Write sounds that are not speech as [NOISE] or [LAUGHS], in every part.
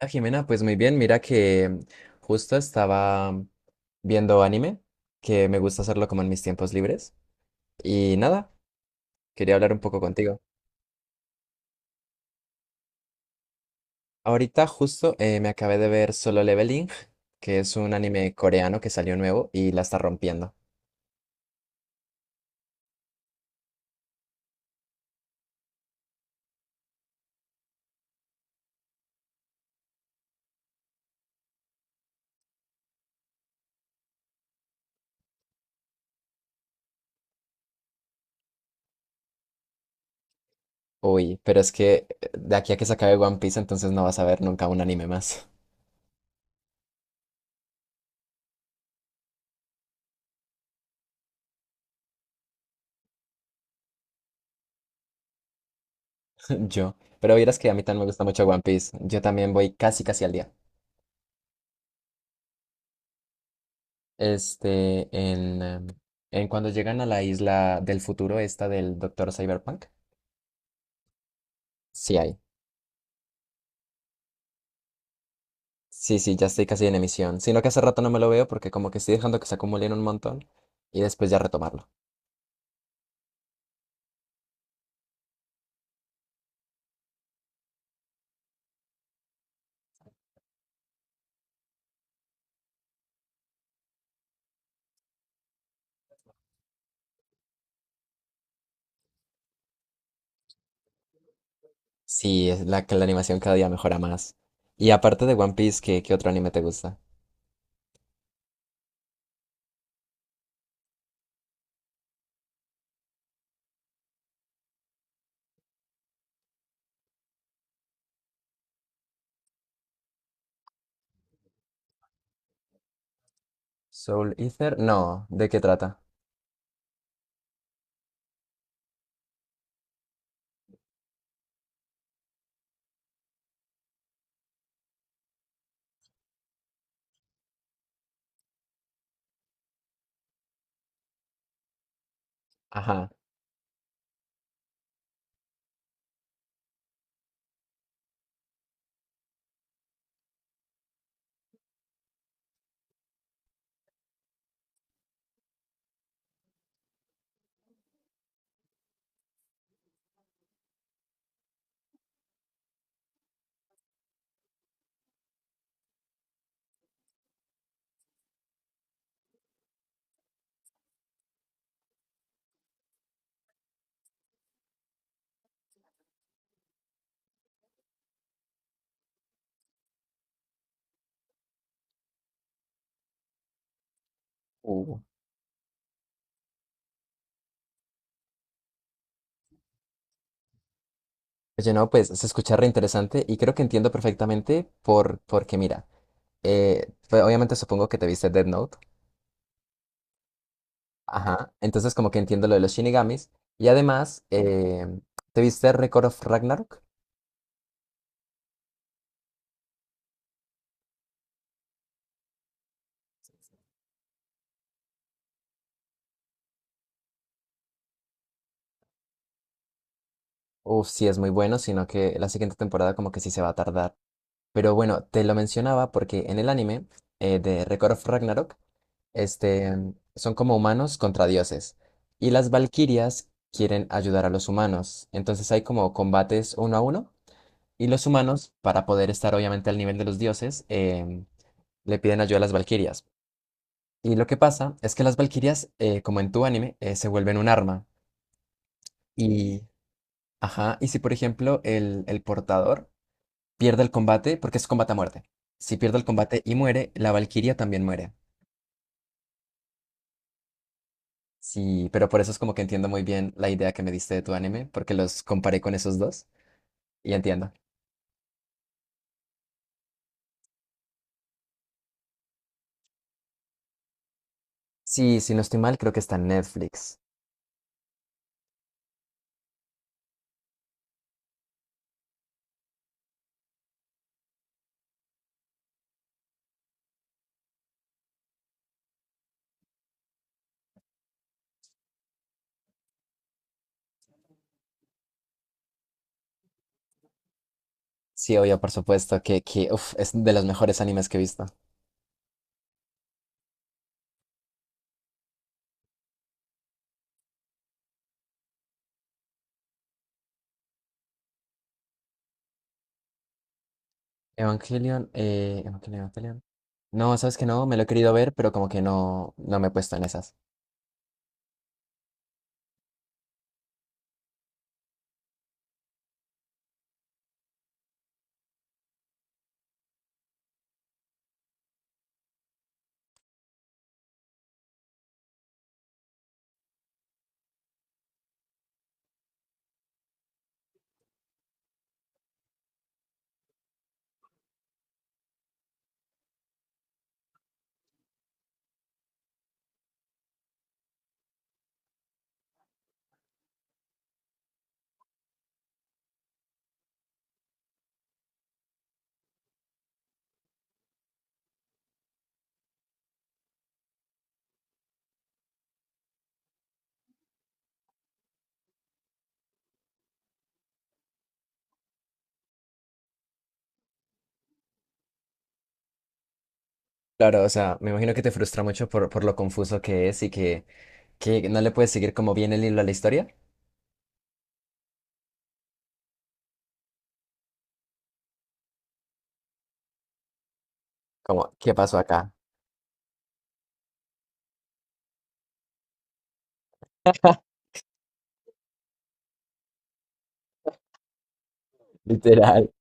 Ah, Jimena, pues muy bien, mira que justo estaba viendo anime, que me gusta hacerlo como en mis tiempos libres, y nada, quería hablar un poco contigo. Ahorita justo me acabé de ver Solo Leveling, que es un anime coreano que salió nuevo y la está rompiendo. Uy, pero es que de aquí a que se acabe One Piece, entonces no vas a ver nunca un anime más, [LAUGHS] yo. Pero vieras que a mí también me gusta mucho One Piece, yo también voy casi casi al día. Este, en, em, en cuando llegan a la isla del futuro, esta del Doctor Cyberpunk. Sí hay. Sí, sí, ya estoy casi en emisión. Sino que hace rato no me lo veo porque como que estoy dejando que se acumulen un montón y después ya retomarlo. Sí, es la que la animación cada día mejora más. Y aparte de One Piece, ¿qué otro anime te gusta? ¿Soul Eater? No, ¿de qué trata? Ajá. Uh. Oye, no, pues se escucha re interesante y creo que entiendo perfectamente porque mira, pues, obviamente supongo que te viste Death Note. Ajá, entonces como que entiendo lo de los shinigamis. Y además, ¿te viste Record of Ragnarok? Uf, sí es muy bueno, sino que la siguiente temporada como que sí se va a tardar. Pero bueno, te lo mencionaba porque en el anime de Record of Ragnarok, este, son como humanos contra dioses. Y las valquirias quieren ayudar a los humanos. Entonces hay como combates uno a uno. Y los humanos, para poder estar obviamente al nivel de los dioses, le piden ayuda a las valquirias. Y lo que pasa es que las valquirias, como en tu anime, se vuelven un arma. Y, ajá, y si por ejemplo el portador pierde el combate, porque es combate a muerte. Si pierde el combate y muere, la valquiria también muere. Sí, pero por eso es como que entiendo muy bien la idea que me diste de tu anime, porque los comparé con esos dos y entiendo. Sí, si no estoy mal, creo que está en Netflix. Sí, obvio, por supuesto, que uf, es de los mejores animes que he visto. Evangelion, Evangelion. No, sabes que no, me lo he querido ver, pero como que no, no me he puesto en esas. Claro, o sea, me imagino que te frustra mucho por lo confuso que es y que no le puedes seguir como bien el hilo a la historia. Como, ¿qué pasó acá? [LAUGHS] Literal.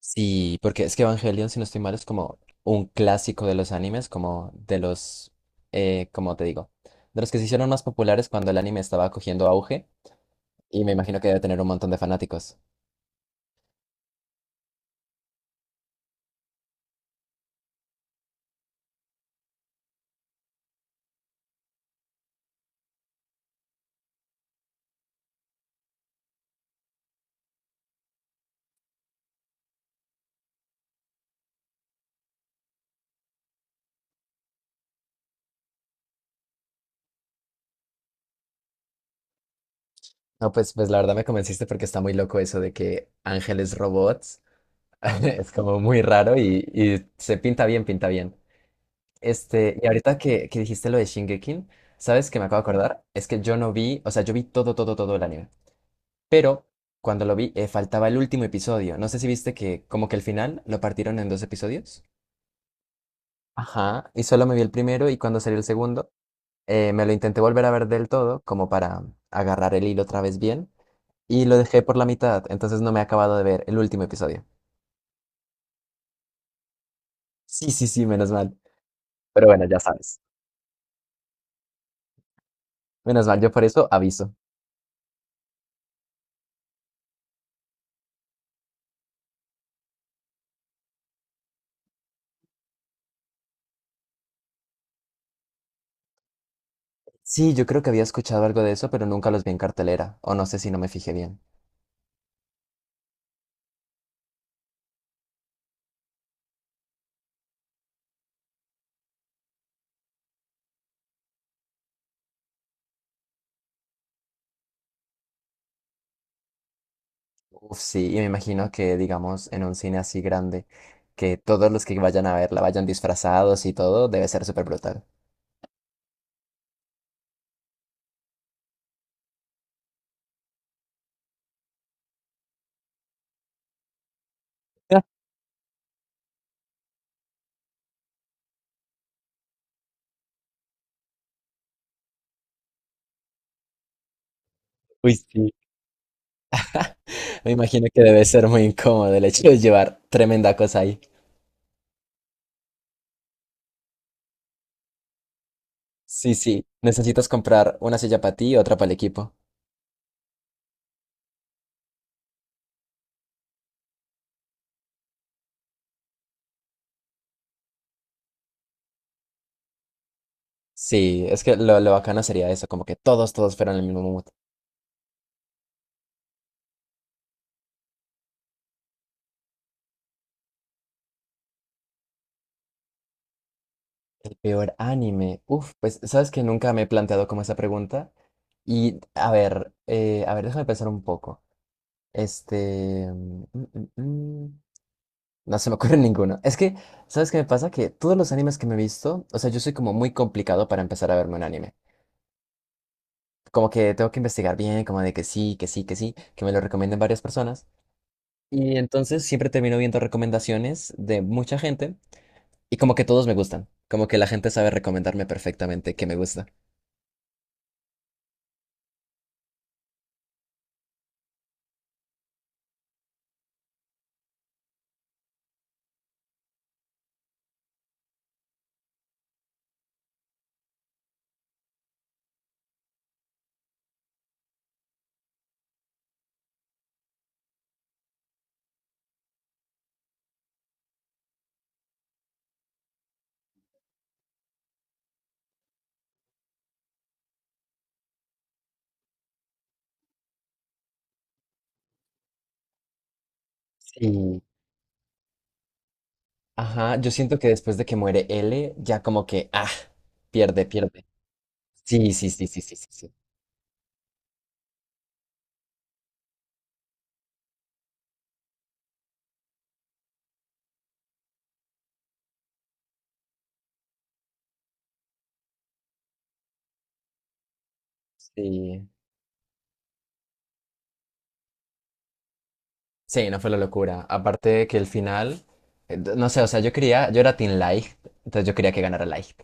Sí, porque es que Evangelion, si no estoy mal, es como un clásico de los animes, como te digo, de los que se hicieron más populares cuando el anime estaba cogiendo auge y me imagino que debe tener un montón de fanáticos. No, pues la verdad me convenciste porque está muy loco eso de que ángeles robots. [LAUGHS] Es como muy raro y se pinta bien, pinta bien. Este, y ahorita que dijiste lo de Shingeki, ¿sabes qué me acabo de acordar? Es que yo no vi, o sea, yo vi todo, todo, todo el anime. Pero cuando lo vi, faltaba el último episodio. No sé si viste que como que el final lo partieron en dos episodios. Ajá, y solo me vi el primero y cuando salió el segundo. Me lo intenté volver a ver del todo, como para agarrar el hilo otra vez bien, y lo dejé por la mitad, entonces no me he acabado de ver el último episodio. Sí, sí, sí, menos mal. Pero bueno, ya sabes. Menos mal, yo por eso aviso. Sí, yo creo que había escuchado algo de eso, pero nunca los vi en cartelera, o no sé si no me fijé bien. Uf, sí, y me imagino que, digamos, en un cine así grande, que todos los que vayan a verla vayan disfrazados y todo, debe ser súper brutal. [LAUGHS] Uy, sí. Me imagino que debe ser muy incómodo el hecho de llevar tremenda cosa ahí. Sí, sí, necesitas comprar una silla para ti y otra para el equipo. Sí, es que lo bacano sería eso, como que todos, todos fueran el mismo mood. El peor anime. Uf, pues sabes que nunca me he planteado como esa pregunta. Y a ver, déjame pensar un poco. Este... mm, mm, mm, No se me ocurre [LAUGHS] ninguno. Es que, ¿sabes qué me pasa? Que todos los animes que me he visto, o sea, yo soy como muy complicado para empezar a verme un anime. Como que tengo que investigar bien, como de que sí, que sí, que sí, que me lo recomienden varias personas. Y entonces siempre termino viendo recomendaciones de mucha gente y como que todos me gustan, como que la gente sabe recomendarme perfectamente que me gusta. Sí, ajá, yo siento que después de que muere L, ya como que, ah, pierde, pierde. Sí, sí, sí, sí, sí, sí, sí. Sí, sí, no fue la locura. Aparte de que el final, no sé, o sea, yo quería, yo era Team Light, entonces yo quería que ganara Light.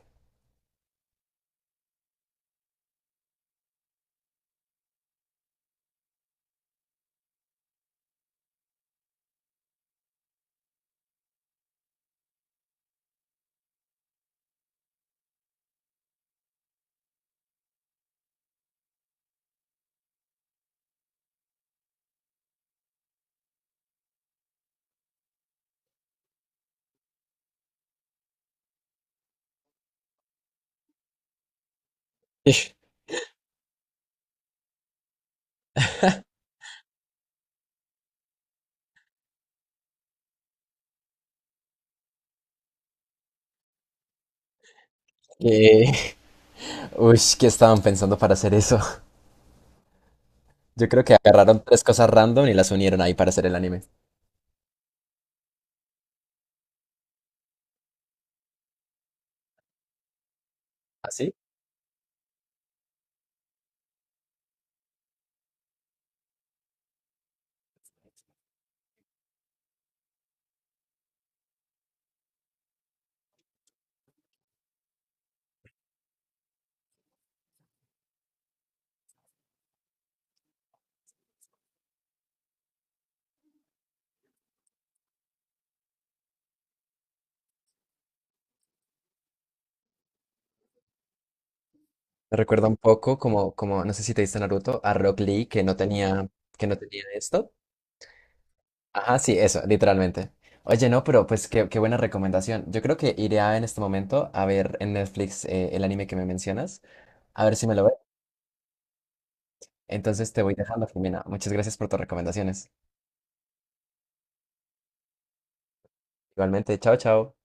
Ish, ¿qué? [LAUGHS] Uy, ¿qué estaban pensando para hacer eso? Yo creo que agarraron tres cosas random y las unieron ahí para hacer el anime. ¿Así? Me recuerda un poco como, no sé si te diste Naruto, a Rock Lee que no tenía esto. Ajá, sí, eso, literalmente. Oye, no, pero pues qué buena recomendación. Yo creo que iré a- en este momento a ver en Netflix el anime que me mencionas, a ver si me lo veo. Entonces te voy dejando, Jimena. Muchas gracias por tus recomendaciones. Igualmente, chao, chao.